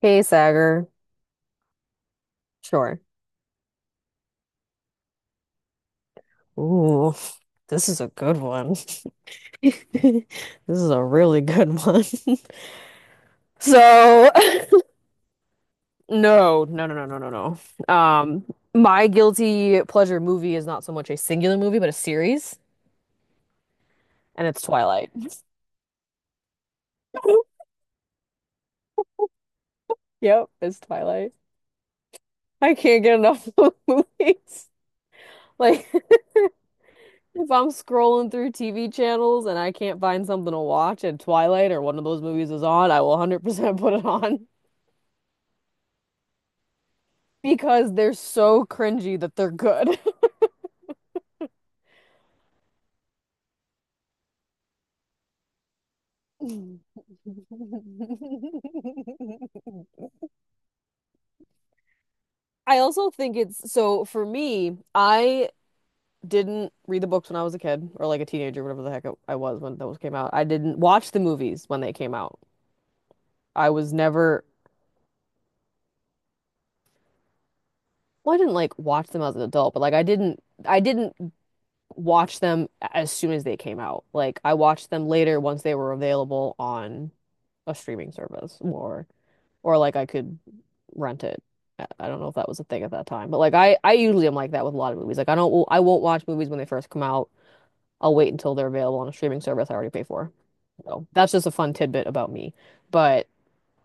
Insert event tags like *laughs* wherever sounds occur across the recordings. Hey, Sagar. Sure. *laughs* Ooh, this is a good one. *laughs* This is a really good one. *laughs* So, *laughs* no, no, no, no, no, no, no. Um, my guilty pleasure movie is not so much a singular movie, but a series, and it's Twilight. *laughs* Yep, it's Twilight. I can't get enough *laughs* of movies. Like, *laughs* if I'm scrolling through TV channels and I can't find something to watch, and Twilight or one of those movies is on, I will 100% put it on. Because they're so cringy that they're good. *laughs* I also think it's so for me, I didn't read the books when I was a kid or like a teenager, whatever the heck I was when those came out. I didn't watch the movies when they came out. I was never, well, I didn't like watch them as an adult, but like I didn't watch them as soon as they came out. Like I watched them later once they were available on a streaming service or like I could rent it. I don't know if that was a thing at that time, but like I usually am like that with a lot of movies. Like I won't watch movies when they first come out. I'll wait until they're available on a streaming service I already pay for. So that's just a fun tidbit about me. But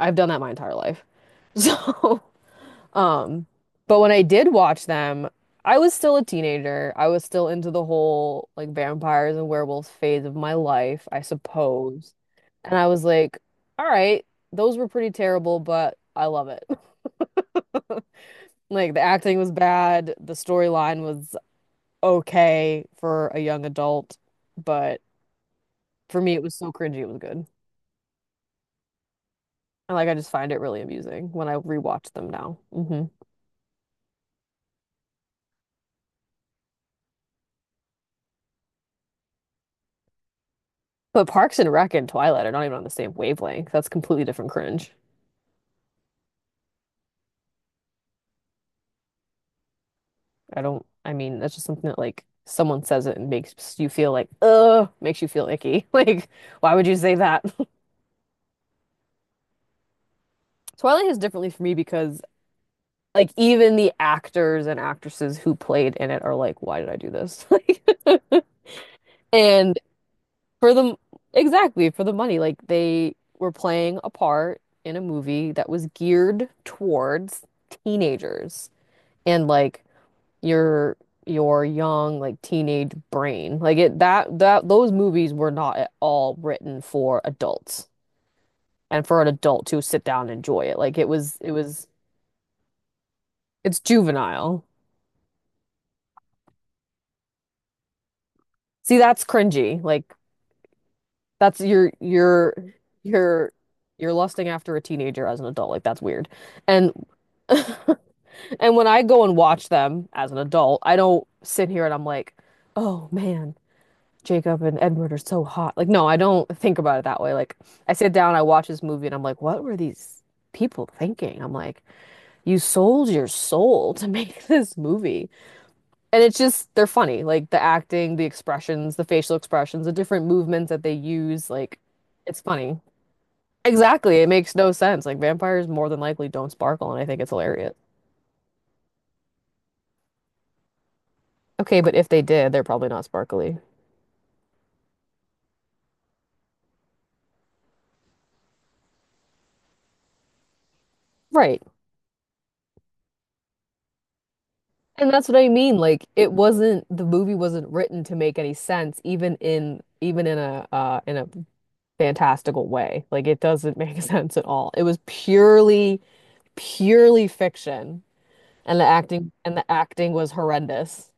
I've done that my entire life. *laughs* So, um, but when I did watch them, I was still a teenager. I was still into the whole like vampires and werewolves phase of my life, I suppose. And I was like, all right, those were pretty terrible, but I love it. Like the acting was bad, the storyline was okay for a young adult, but for me it was so cringy it was good. And like I just find it really amusing when I rewatch them now. But Parks and Rec and Twilight are not even on the same wavelength. That's completely different cringe. I don't, I mean, that's just something that like someone says it and makes you feel like, ugh, makes you feel icky. *laughs* Like, why would you say that? *laughs* Twilight is differently for me because like even the actors and actresses who played in it are like, why did I do this? *laughs* Like And for the exactly for the money, like they were playing a part in a movie that was geared towards teenagers and like your your young like teenage brain. Like it that those movies were not at all written for adults and for an adult to sit down and enjoy it. Like it was it's juvenile. See, that's cringy. Like That's you're you're you're lusting after a teenager as an adult. Like that's weird. And *laughs* and when I go and watch them as an adult, I don't sit here and I'm like, "Oh man, Jacob and Edward are so hot." Like no, I don't think about it that way. Like I sit down, I watch this movie and I'm like, "What were these people thinking?" I'm like, "You sold your soul to make *laughs* this movie." And it's just they're funny. Like the acting, the expressions, the facial expressions, the different movements that they use, like it's funny. Exactly. It makes no sense. Like vampires more than likely don't sparkle, and I think it's hilarious. Okay, but if they did, they're probably not sparkly. Right. And that's what I mean. Like it wasn't the movie wasn't written to make any sense, even in a fantastical way. Like it doesn't make *laughs* sense at all. It was purely fiction. And the acting was horrendous.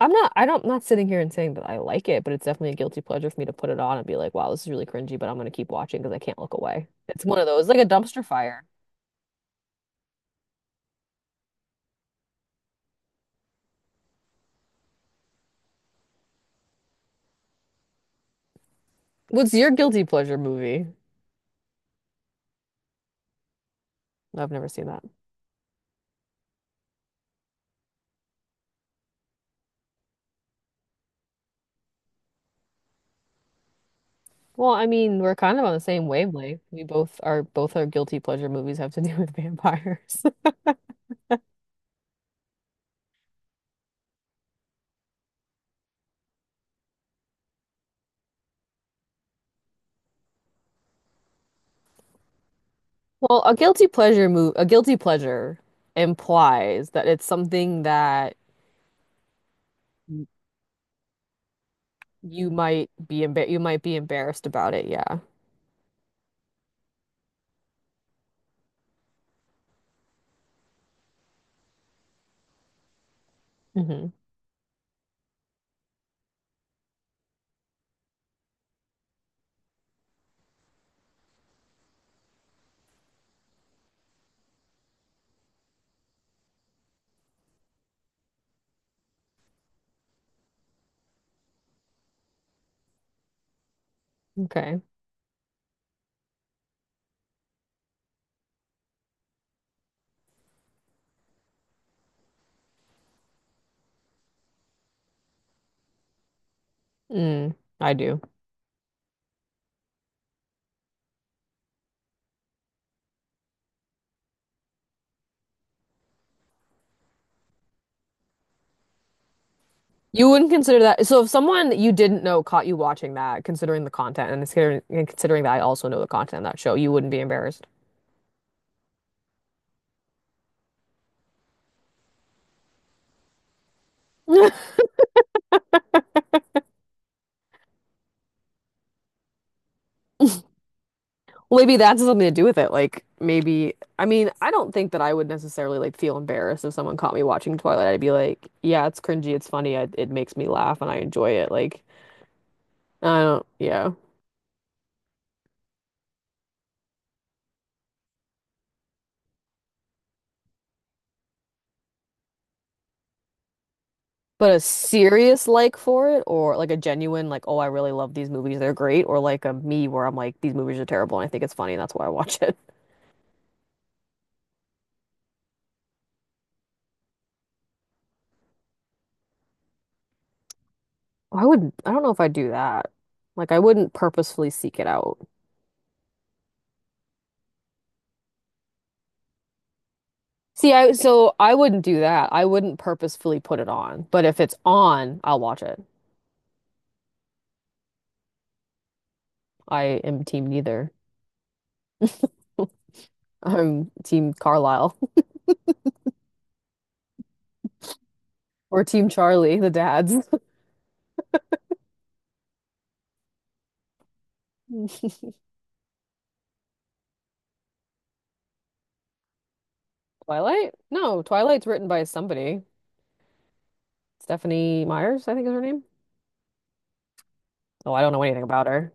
I'm not, I don't, not sitting here and saying that I like it, but it's definitely a guilty pleasure for me to put it on and be like, wow, this is really cringy, but I'm gonna keep watching because I can't look away. It's one of those, like a dumpster fire. What's your guilty pleasure movie? No, I've never seen that. Well, I mean, we're kind of on the same wavelength. Both our guilty pleasure movies have to *laughs* do with vampires. *laughs* A guilty pleasure implies that it's something that y- you might be embar you might be embarrassed about it. Yeah. hmm Okay. Mm, I do. You wouldn't consider that. So if someone you didn't know caught you watching that, considering that I also know the content of that show, you wouldn't be embarrassed. Well, maybe that's something to do with it. I mean, I don't think that I would necessarily like feel embarrassed if someone caught me watching Twilight. I'd be like, yeah, it's cringy, it's funny, it makes me laugh and I enjoy it. Like, I don't, yeah. But a serious like for it, or like a genuine like, oh, I really love these movies, they're great, or like a me where I'm like, these movies are terrible and I think it's funny and that's why I watch it. I don't know if I'd do that. Like, I wouldn't purposefully seek it out. So I wouldn't do that. I wouldn't purposefully put it on. But if it's on, I'll watch it. I am team neither. *laughs* I'm team Carlisle *laughs* or team Charlie, the dads. *laughs* Twilight? No, Twilight's written by somebody. Stephanie Myers, I think is her name. Oh, I don't know anything about her.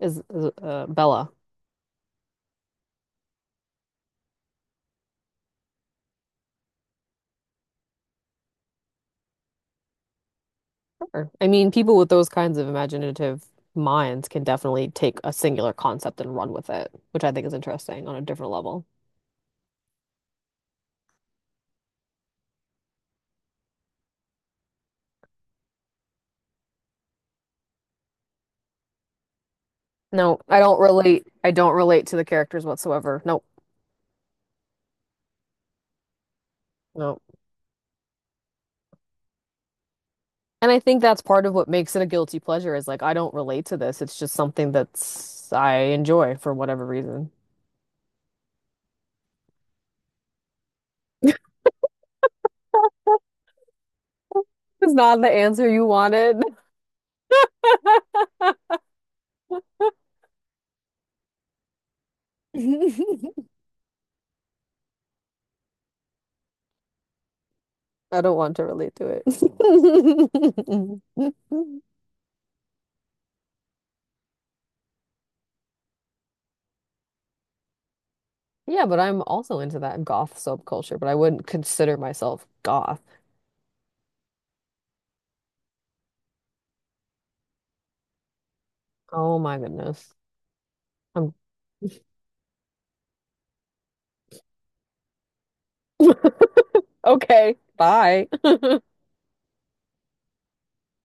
Is Bella. Sure. I mean, people with those kinds of imaginative minds can definitely take a singular concept and run with it, which I think is interesting on a different level. No, I don't relate. I don't relate to the characters whatsoever. Nope. Nope. And I think that's part of what makes it a guilty pleasure is like I don't relate to this. It's just something that's I enjoy for whatever reason. *laughs* It's not the answer you wanted. *laughs* I don't want to relate to it. *laughs* Yeah, but I'm also into that goth subculture, but I wouldn't consider myself goth. Oh my goodness. I'm *laughs* okay, bye. *laughs*